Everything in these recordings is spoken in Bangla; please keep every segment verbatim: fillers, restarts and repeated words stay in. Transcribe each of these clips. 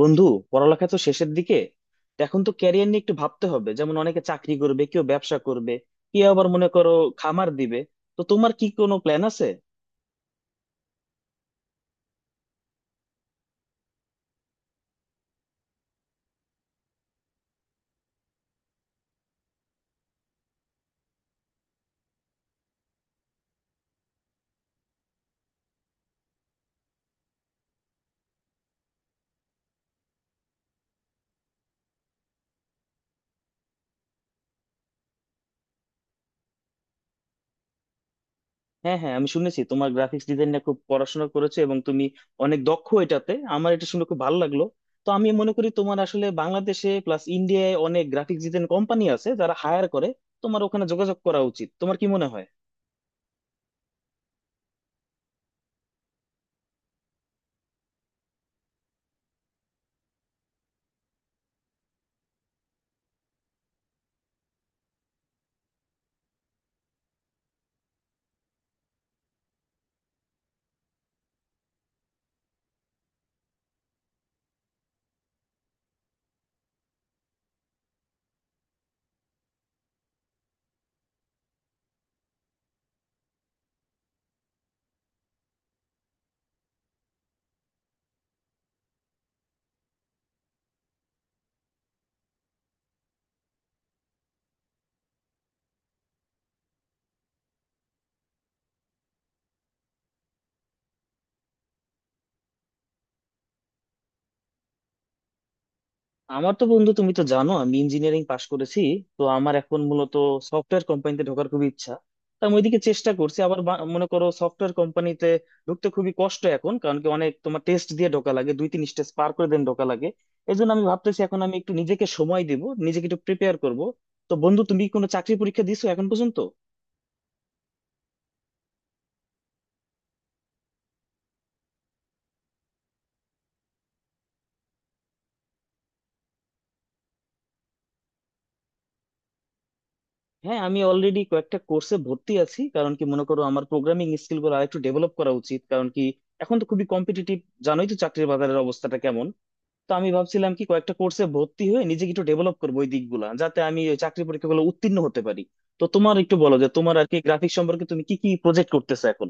বন্ধু, পড়ালেখা তো শেষের দিকে। তো এখন তো ক্যারিয়ার নিয়ে একটু ভাবতে হবে। যেমন অনেকে চাকরি করবে, কেউ ব্যবসা করবে, কেউ আবার মনে করো খামার দিবে। তো তোমার কি কোনো প্ল্যান আছে? হ্যাঁ হ্যাঁ, আমি শুনেছি তোমার গ্রাফিক্স ডিজাইন নিয়ে খুব পড়াশোনা করেছো এবং তুমি অনেক দক্ষ এটাতে। আমার এটা শুনে খুব ভালো লাগলো। তো আমি মনে করি তোমার আসলে, বাংলাদেশে প্লাস ইন্ডিয়ায় অনেক গ্রাফিক্স ডিজাইন কোম্পানি আছে যারা হায়ার করে, তোমার ওখানে যোগাযোগ করা উচিত। তোমার কি মনে হয়? আমার তো বন্ধু, তুমি তো জানো আমি ইঞ্জিনিয়ারিং পাশ করেছি। তো আমার এখন মূলত সফটওয়্যার কোম্পানিতে ঢোকার খুব ইচ্ছা। তা আমি ওইদিকে চেষ্টা করছি আবার। বা- মনে করো সফটওয়্যার কোম্পানিতে ঢুকতে খুবই কষ্ট এখন। কারণ কি, অনেক তোমার টেস্ট দিয়ে ঢোকা লাগে, দুই তিন স্টেজ পার করে দেন ঢোকা লাগে। এই জন্য আমি ভাবতেছি এখন আমি একটু নিজেকে সময় দিব, নিজেকে একটু প্রিপেয়ার করব। তো বন্ধু, তুমি কোনো চাকরি পরীক্ষা দিছো এখন পর্যন্ত? হ্যাঁ, আমি অলরেডি কয়েকটা কোর্সে ভর্তি আছি। কারণ কি, মনে করো আমার প্রোগ্রামিং স্কিল গুলো আরেকটু ডেভেলপ করা উচিত। কারণ কি, এখন তো খুবই কম্পিটিটিভ, জানোই তো চাকরির বাজারের অবস্থাটা কেমন। তো আমি ভাবছিলাম কি, কয়েকটা কোর্সে ভর্তি হয়ে নিজেকে একটু ডেভেলপ করবো ওই দিকগুলা, যাতে আমি ওই চাকরি পরীক্ষাগুলো উত্তীর্ণ হতে পারি। তো তোমার একটু বলো যে, তোমার আর কি গ্রাফিক্স সম্পর্কে, তুমি কি কি প্রজেক্ট করতেছো এখন?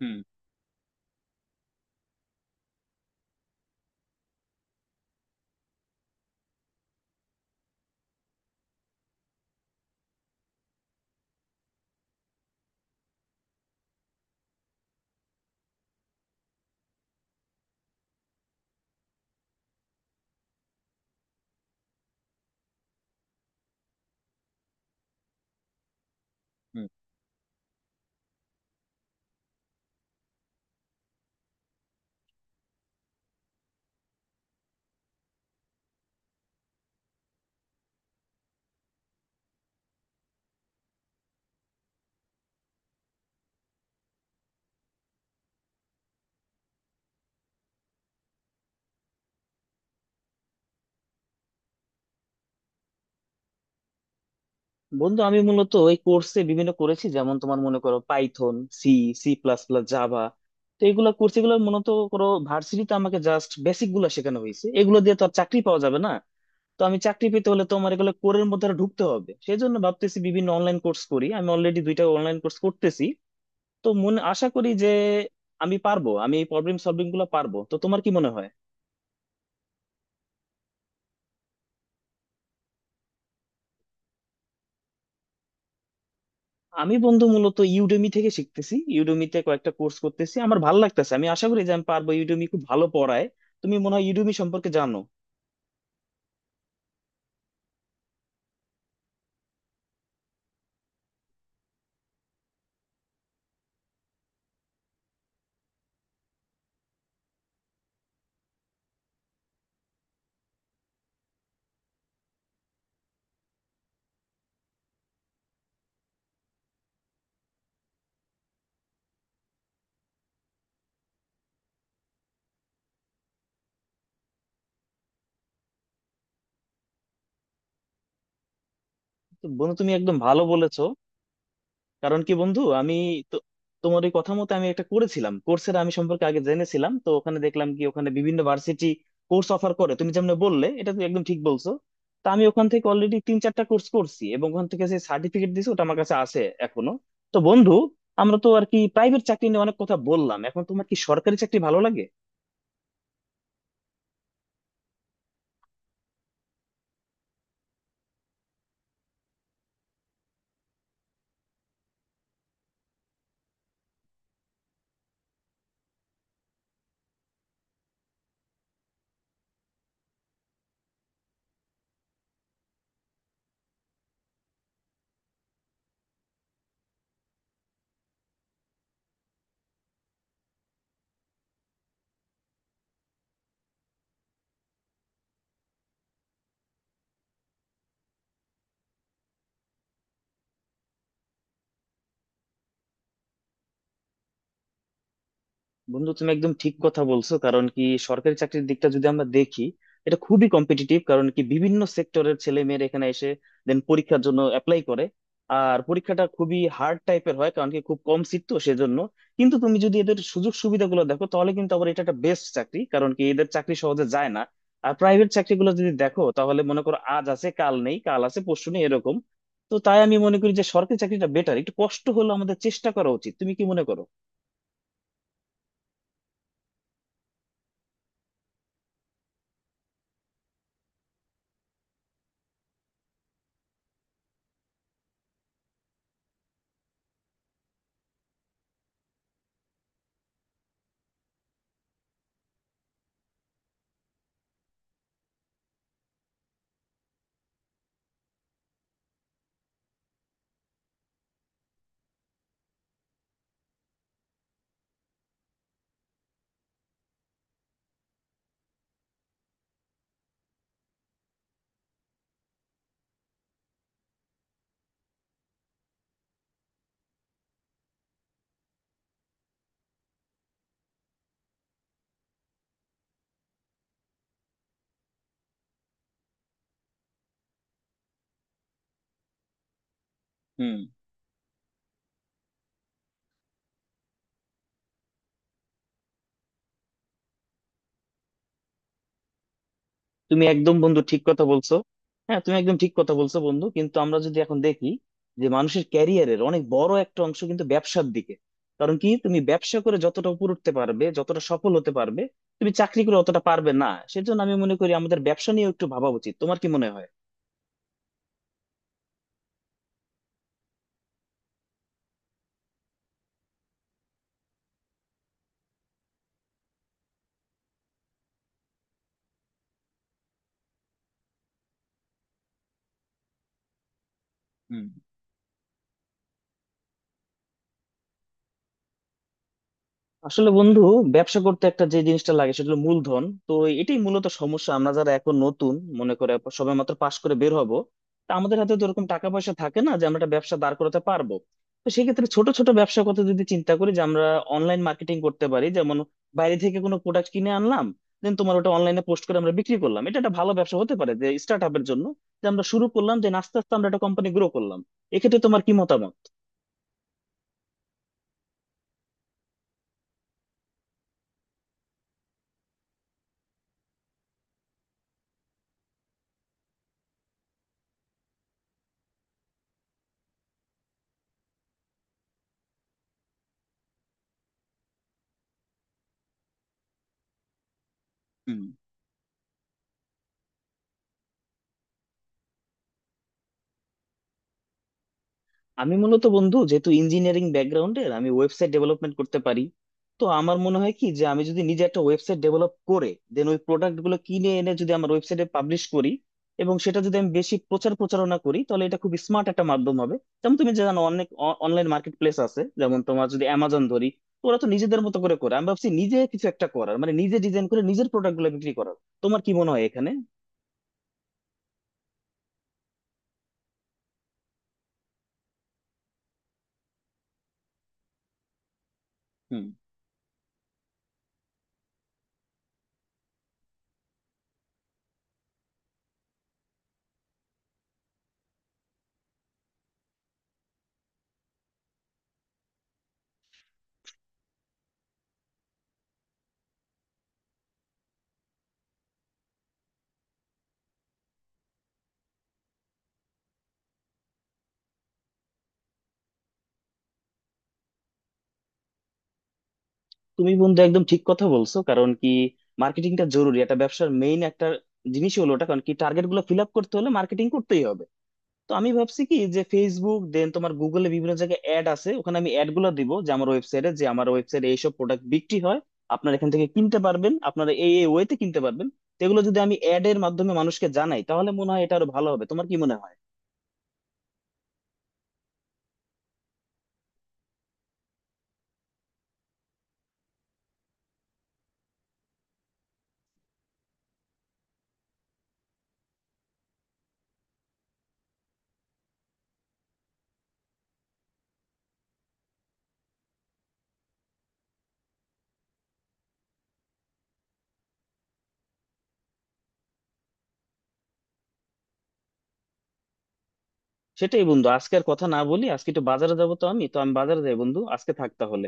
হুম হুম। বন্ধু, আমি মূলত এই কোর্সে বিভিন্ন করেছি, যেমন তোমার মনে করো Python, C, C plus plus, Java. তো এগুলো কোর্স, এগুলো মূলত করো ভার্সিটিতে আমাকে জাস্ট বেসিক গুলো শেখানো হয়েছে। এগুলো দিয়ে তো আর চাকরি পাওয়া যাবে না। তো আমি চাকরি পেতে হলে তোমার এগুলো কোরের মধ্যে আরো ঢুকতে হবে। সেই জন্য ভাবতেছি বিভিন্ন অনলাইন কোর্স করি। আমি অলরেডি দুইটা অনলাইন কোর্স করতেছি। তো মনে আশা করি যে আমি পারবো, আমি এই প্রবলেম সলভিং গুলো পারবো। তো তোমার কি মনে হয়? আমি বন্ধু মূলত ইউডেমি থেকে শিখতেছি। ইউডেমিতে কয়েকটা কোর্স করতেছি, আমার ভালো লাগতেছে। আমি আশা করি যে আমি পারবো। ইউডেমি খুব ভালো পড়ায়, তুমি মনে হয় ইউডেমি সম্পর্কে জানো। তো বন্ধু, তুমি একদম ভালো বলেছো। কারণ কি বন্ধু, আমি তো, তোমার ওই কথা মতো আমি একটা করেছিলাম কোর্সের, আমি সম্পর্কে আগে জেনেছিলাম। তো ওখানে দেখলাম কি, ওখানে বিভিন্ন ভার্সিটি কোর্স অফার করে, তুমি যেমন বললে, এটা তুমি একদম ঠিক বলছো। তা আমি ওখান থেকে অলরেডি তিন চারটা কোর্স করছি, এবং ওখান থেকে যে সার্টিফিকেট দিছি ওটা আমার কাছে আছে এখনো। তো বন্ধু, আমরা তো আর কি প্রাইভেট চাকরি নিয়ে অনেক কথা বললাম, এখন তোমার কি সরকারি চাকরি ভালো লাগে? বন্ধু, তুমি একদম ঠিক কথা বলছো। কারণ কি, সরকারি চাকরির দিকটা যদি আমরা দেখি, এটা খুবই কম্পিটিটিভ। কারণ কি, বিভিন্ন সেক্টরের ছেলে মেয়েরা এখানে এসে দেন পরীক্ষার জন্য অ্যাপ্লাই করে। আর পরীক্ষাটা খুবই হার্ড টাইপের হয়, কারণ কি খুব কম সিট, তো সেজন্য। কিন্তু তুমি যদি এদের সুযোগ সুবিধাগুলো দেখো, তাহলে কিন্তু আবার এটা একটা বেস্ট চাকরি। কারণ কি, এদের চাকরি সহজে যায় না। আর প্রাইভেট চাকরিগুলো যদি দেখো, তাহলে মনে করো আজ আছে কাল নেই, কাল আছে পরশু নেই, এরকম। তো তাই আমি মনে করি যে সরকারি চাকরিটা বেটার, একটু কষ্ট হলেও আমাদের চেষ্টা করা উচিত। তুমি কি মনে করো? হুম। তুমি একদম বন্ধু ঠিক কথা বলছো। হ্যাঁ, তুমি একদম ঠিক কথা বলছো বন্ধু। কিন্তু আমরা যদি এখন দেখি যে, মানুষের ক্যারিয়ারের অনেক বড় একটা অংশ কিন্তু ব্যবসার দিকে। কারণ কি, তুমি ব্যবসা করে যতটা উপর উঠতে পারবে, যতটা সফল হতে পারবে, তুমি চাকরি করে অতটা পারবে না। সেজন্য আমি মনে করি আমাদের ব্যবসা নিয়ে একটু ভাবা উচিত। তোমার কি মনে হয়? হুম। আসলে বন্ধু, ব্যবসা করতে একটা যে জিনিসটা লাগে সেটা হলো মূলধন। তো এটাই মূলত সমস্যা, আমরা যারা এখন নতুন, মনে করে সবেমাত্র পাশ করে বের হব, তা আমাদের হাতে তো এরকম টাকা পয়সা থাকে না যে আমরা একটা ব্যবসা দাঁড় করাতে পারবো। তো সেক্ষেত্রে ছোট ছোট ব্যবসার কথা যদি চিন্তা করি, যে আমরা অনলাইন মার্কেটিং করতে পারি। যেমন বাইরে থেকে কোনো প্রোডাক্ট কিনে আনলাম, দেন তোমার ওটা অনলাইনে পোস্ট করে আমরা বিক্রি করলাম, এটা একটা ভালো ব্যবসা হতে পারে যে স্টার্ট আপের জন্য। যে আমরা শুরু করলাম, যে আস্তে আস্তে আমরা একটা কোম্পানি গ্রো করলাম। এক্ষেত্রে তোমার কি মতামত? হুম। আমি মূলত বন্ধু, যেহেতু ইঞ্জিনিয়ারিং ব্যাকগ্রাউন্ডের, আমি ওয়েবসাইট ডেভেলপমেন্ট করতে পারি। তো আমার মনে হয় কি যে, আমি যদি নিজে একটা ওয়েবসাইট ডেভেলপ করে দেন ওই প্রোডাক্ট গুলো কিনে এনে যদি আমার ওয়েবসাইটে পাবলিশ করি, এবং সেটা যদি আমি বেশি প্রচার প্রচারণা করি, তাহলে এটা খুব স্মার্ট একটা মাধ্যম হবে। যেমন তুমি জানো অনেক অনলাইন মার্কেট প্লেস আছে, যেমন তোমার যদি অ্যামাজন ধরি, তো ওরা তো নিজেদের মতো করে করে। আমি ভাবছি নিজে কিছু একটা করার, মানে নিজে ডিজাইন করে নিজের প্রোডাক্ট গুলো বিক্রি করার। তোমার কি মনে হয় এখানে? হুম। তুমি বন্ধু একদম ঠিক কথা বলছো। কারণ কি, মার্কেটিংটা জরুরি, এটা ব্যবসার মেইন একটা জিনিসই হলো ওটা। কারণ কি, টার্গেট গুলো ফিল আপ করতে হলে মার্কেটিং করতেই হবে। তো আমি ভাবছি কি যে, ফেসবুক দেন তোমার গুগলে বিভিন্ন জায়গায় অ্যাড আছে, ওখানে আমি অ্যাড গুলো দিব যে, আমার ওয়েবসাইটে, যে আমার ওয়েবসাইটে এইসব প্রোডাক্ট বিক্রি হয়, আপনারা এখান থেকে কিনতে পারবেন, আপনারা এই এই ওয়েতে কিনতে পারবেন। তো এগুলো যদি আমি অ্যাড এর মাধ্যমে মানুষকে জানাই, তাহলে মনে হয় এটা আরো ভালো হবে। তোমার কি মনে হয়? সেটাই বন্ধু, আজকে আর কথা না বলি। আজকে একটু বাজারে যাবো, তো আমি, তো আমি বাজারে যাই বন্ধু, আজকে থাক তাহলে।